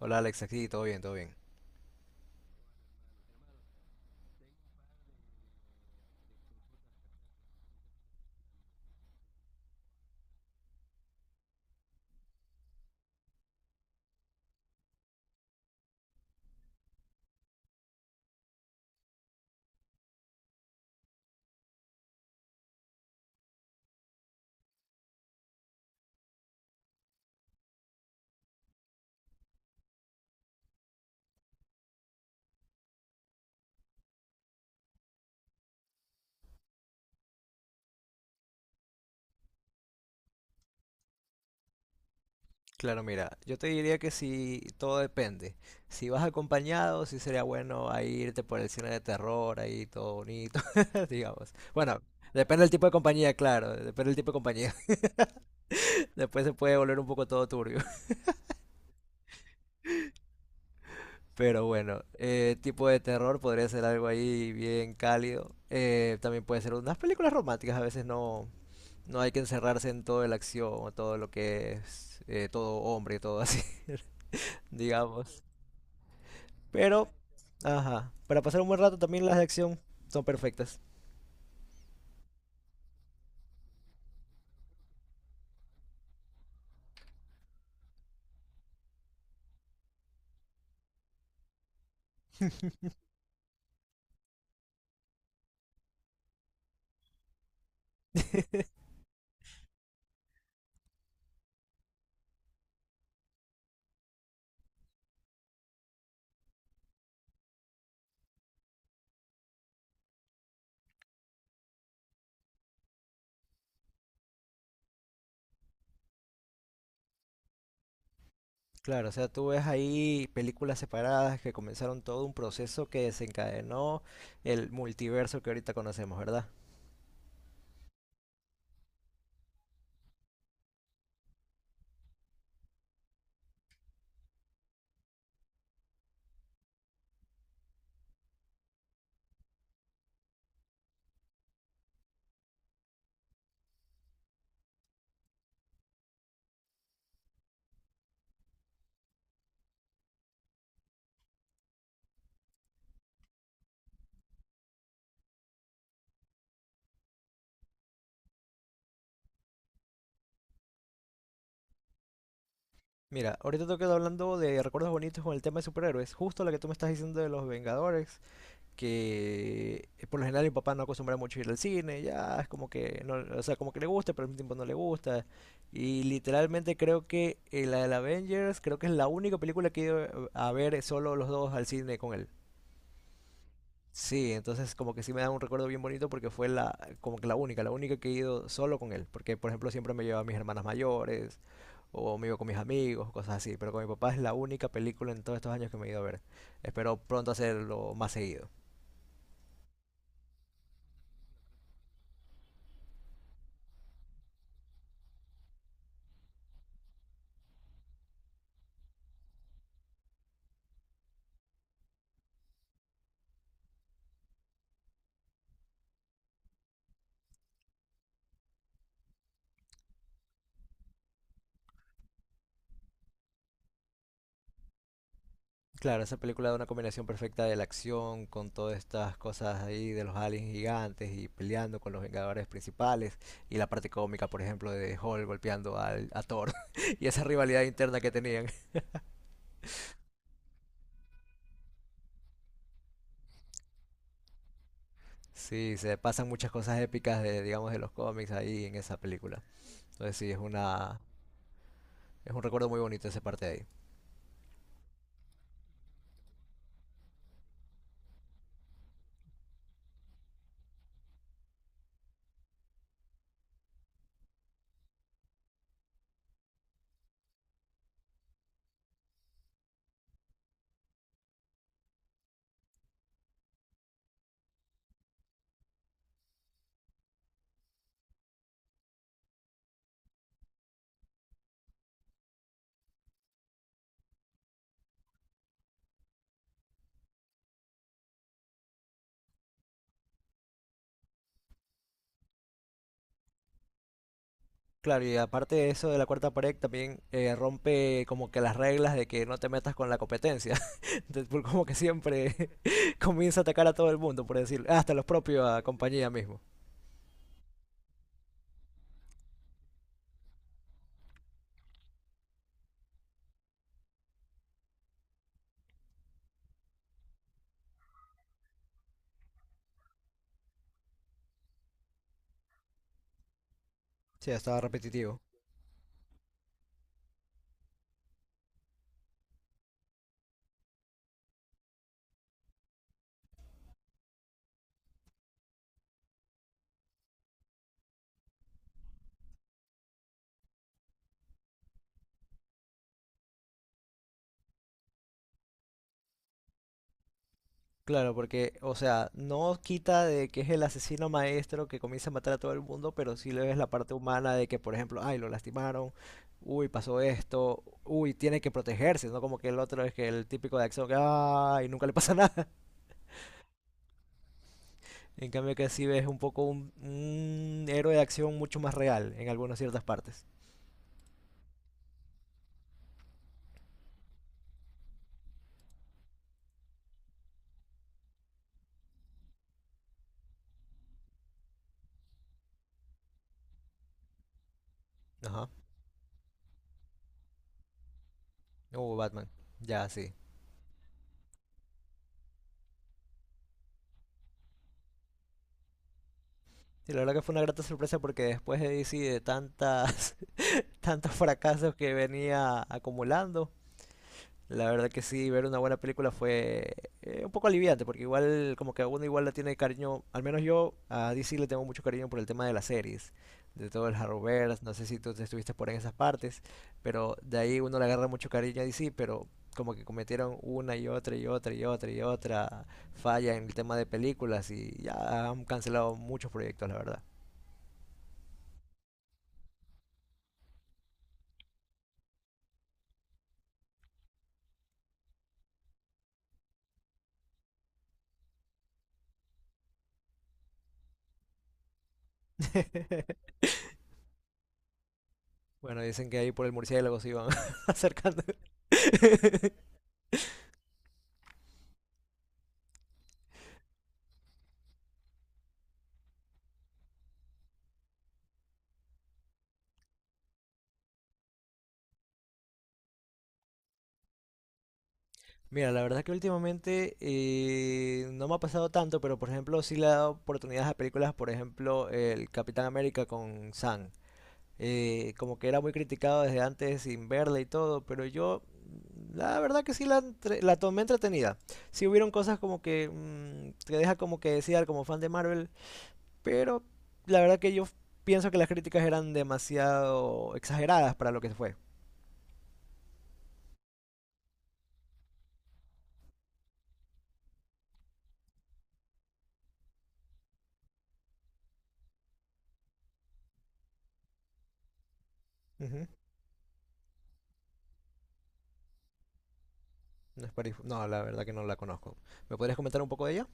Hola Alex, aquí todo bien, todo bien. Claro, mira, yo te diría que si todo depende. Si vas acompañado, sí sería bueno a irte por el cine de terror, ahí todo bonito, digamos. Bueno, depende del tipo de compañía, claro, depende del tipo de compañía. Después se puede volver un poco todo turbio. Pero bueno, tipo de terror podría ser algo ahí bien cálido. También puede ser unas películas románticas, a veces no hay que encerrarse en toda la acción o todo lo que es todo hombre, todo así, digamos. Pero, ajá, para pasar un buen rato también las de acción son perfectas. Claro, o sea, tú ves ahí películas separadas que comenzaron todo un proceso que desencadenó el multiverso que ahorita conocemos, ¿verdad? Mira, ahorita te quedo hablando de recuerdos bonitos con el tema de superhéroes, justo la que tú me estás diciendo de los Vengadores, que por lo general mi papá no acostumbra mucho a ir al cine, ya es como que no, o sea, como que le gusta, pero al mismo tiempo no le gusta. Y literalmente creo que la del Avengers creo que es la única película que he ido a ver solo los dos al cine con él. Sí, entonces como que sí me da un recuerdo bien bonito porque fue la como que la única que he ido solo con él, porque por ejemplo siempre me llevaba a mis hermanas mayores o me iba con mis amigos, cosas así, pero con mi papá es la única película en todos estos años que me he ido a ver. Espero pronto hacerlo más seguido. Claro, esa película da una combinación perfecta de la acción con todas estas cosas ahí de los aliens gigantes y peleando con los Vengadores principales y la parte cómica, por ejemplo, de Hulk golpeando a Thor y esa rivalidad interna que tenían. Sí, se pasan muchas cosas épicas de, digamos, de los cómics ahí en esa película. Entonces sí, es una, es un recuerdo muy bonito esa parte de ahí. Claro, y aparte de eso de la cuarta pared también rompe como que las reglas de que no te metas con la competencia. Entonces, como que siempre comienza a atacar a todo el mundo, por decir, hasta los propios a compañía mismo. Sí, estaba repetitivo. Claro, porque, o sea, no quita de que es el asesino maestro que comienza a matar a todo el mundo, pero sí le ves la parte humana de que, por ejemplo, ay, lo lastimaron, uy, pasó esto, uy, tiene que protegerse, ¿no? Como que el otro es que el típico de acción que, ay, nunca le pasa nada. En cambio que sí ves un poco un héroe de acción mucho más real en algunas ciertas partes. Ajá. Batman. Ya, sí. Y la verdad que fue una grata sorpresa porque después de DC de tantas, tantos fracasos que venía acumulando, la verdad que sí, ver una buena película fue un poco aliviante, porque igual como que a uno igual le tiene cariño, al menos yo a DC le tengo mucho cariño por el tema de las series, de todo el Arrowverse, no sé si tú te estuviste por ahí en esas partes, pero de ahí uno le agarra mucho cariño a DC, pero como que cometieron una y otra y otra y otra y otra falla en el tema de películas y ya han cancelado muchos proyectos, la verdad. Bueno, dicen que ahí por el murciélago se iban acercando. Mira, la verdad que últimamente no me ha pasado tanto, pero por ejemplo sí le he dado oportunidades a películas, por ejemplo el Capitán América con Sam. Como que era muy criticado desde antes sin verla y todo, pero yo la verdad que sí la tomé entretenida. Sí hubieron cosas como que te deja como que desear como fan de Marvel, pero la verdad que yo pienso que las críticas eran demasiado exageradas para lo que fue. Ujú. No, la verdad que no la conozco. ¿Me podrías comentar un poco de ella?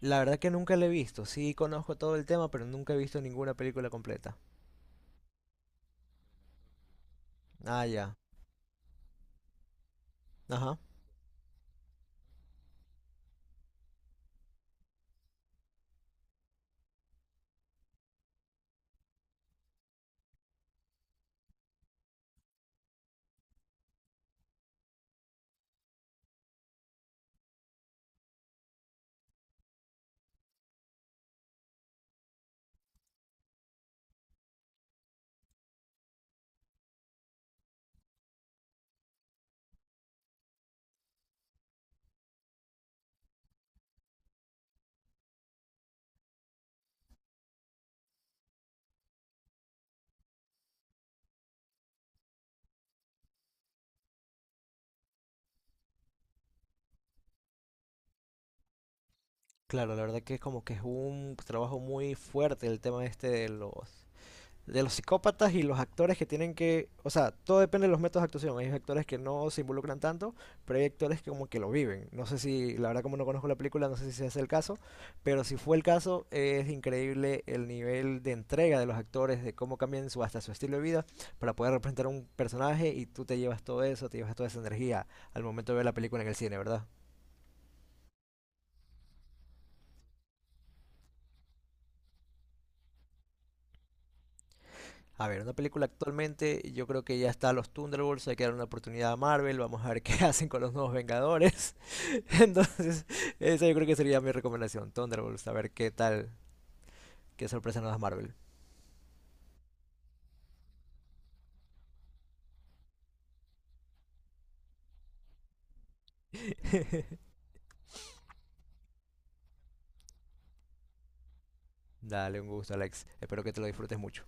La verdad que nunca la he visto. Sí conozco todo el tema, pero nunca he visto ninguna película completa. Ah, ya. Ajá. Claro, la verdad que es como que es un trabajo muy fuerte el tema este de los psicópatas y los actores que tienen que, o sea, todo depende de los métodos de actuación. Hay actores que no se involucran tanto, pero hay actores que como que lo viven. No sé si, la verdad como no conozco la película, no sé si ese es el caso, pero si fue el caso, es increíble el nivel de entrega de los actores, de cómo cambian su, hasta su estilo de vida para poder representar un personaje y tú te llevas todo eso, te llevas toda esa energía al momento de ver la película en el cine, ¿verdad? A ver, una película actualmente, yo creo que ya está los Thunderbolts, hay que dar una oportunidad a Marvel, vamos a ver qué hacen con los nuevos Vengadores. Entonces, esa yo creo que sería mi recomendación, Thunderbolts, a ver qué tal, qué sorpresa nos da Marvel. Dale, un gusto, Alex. Espero que te lo disfrutes mucho.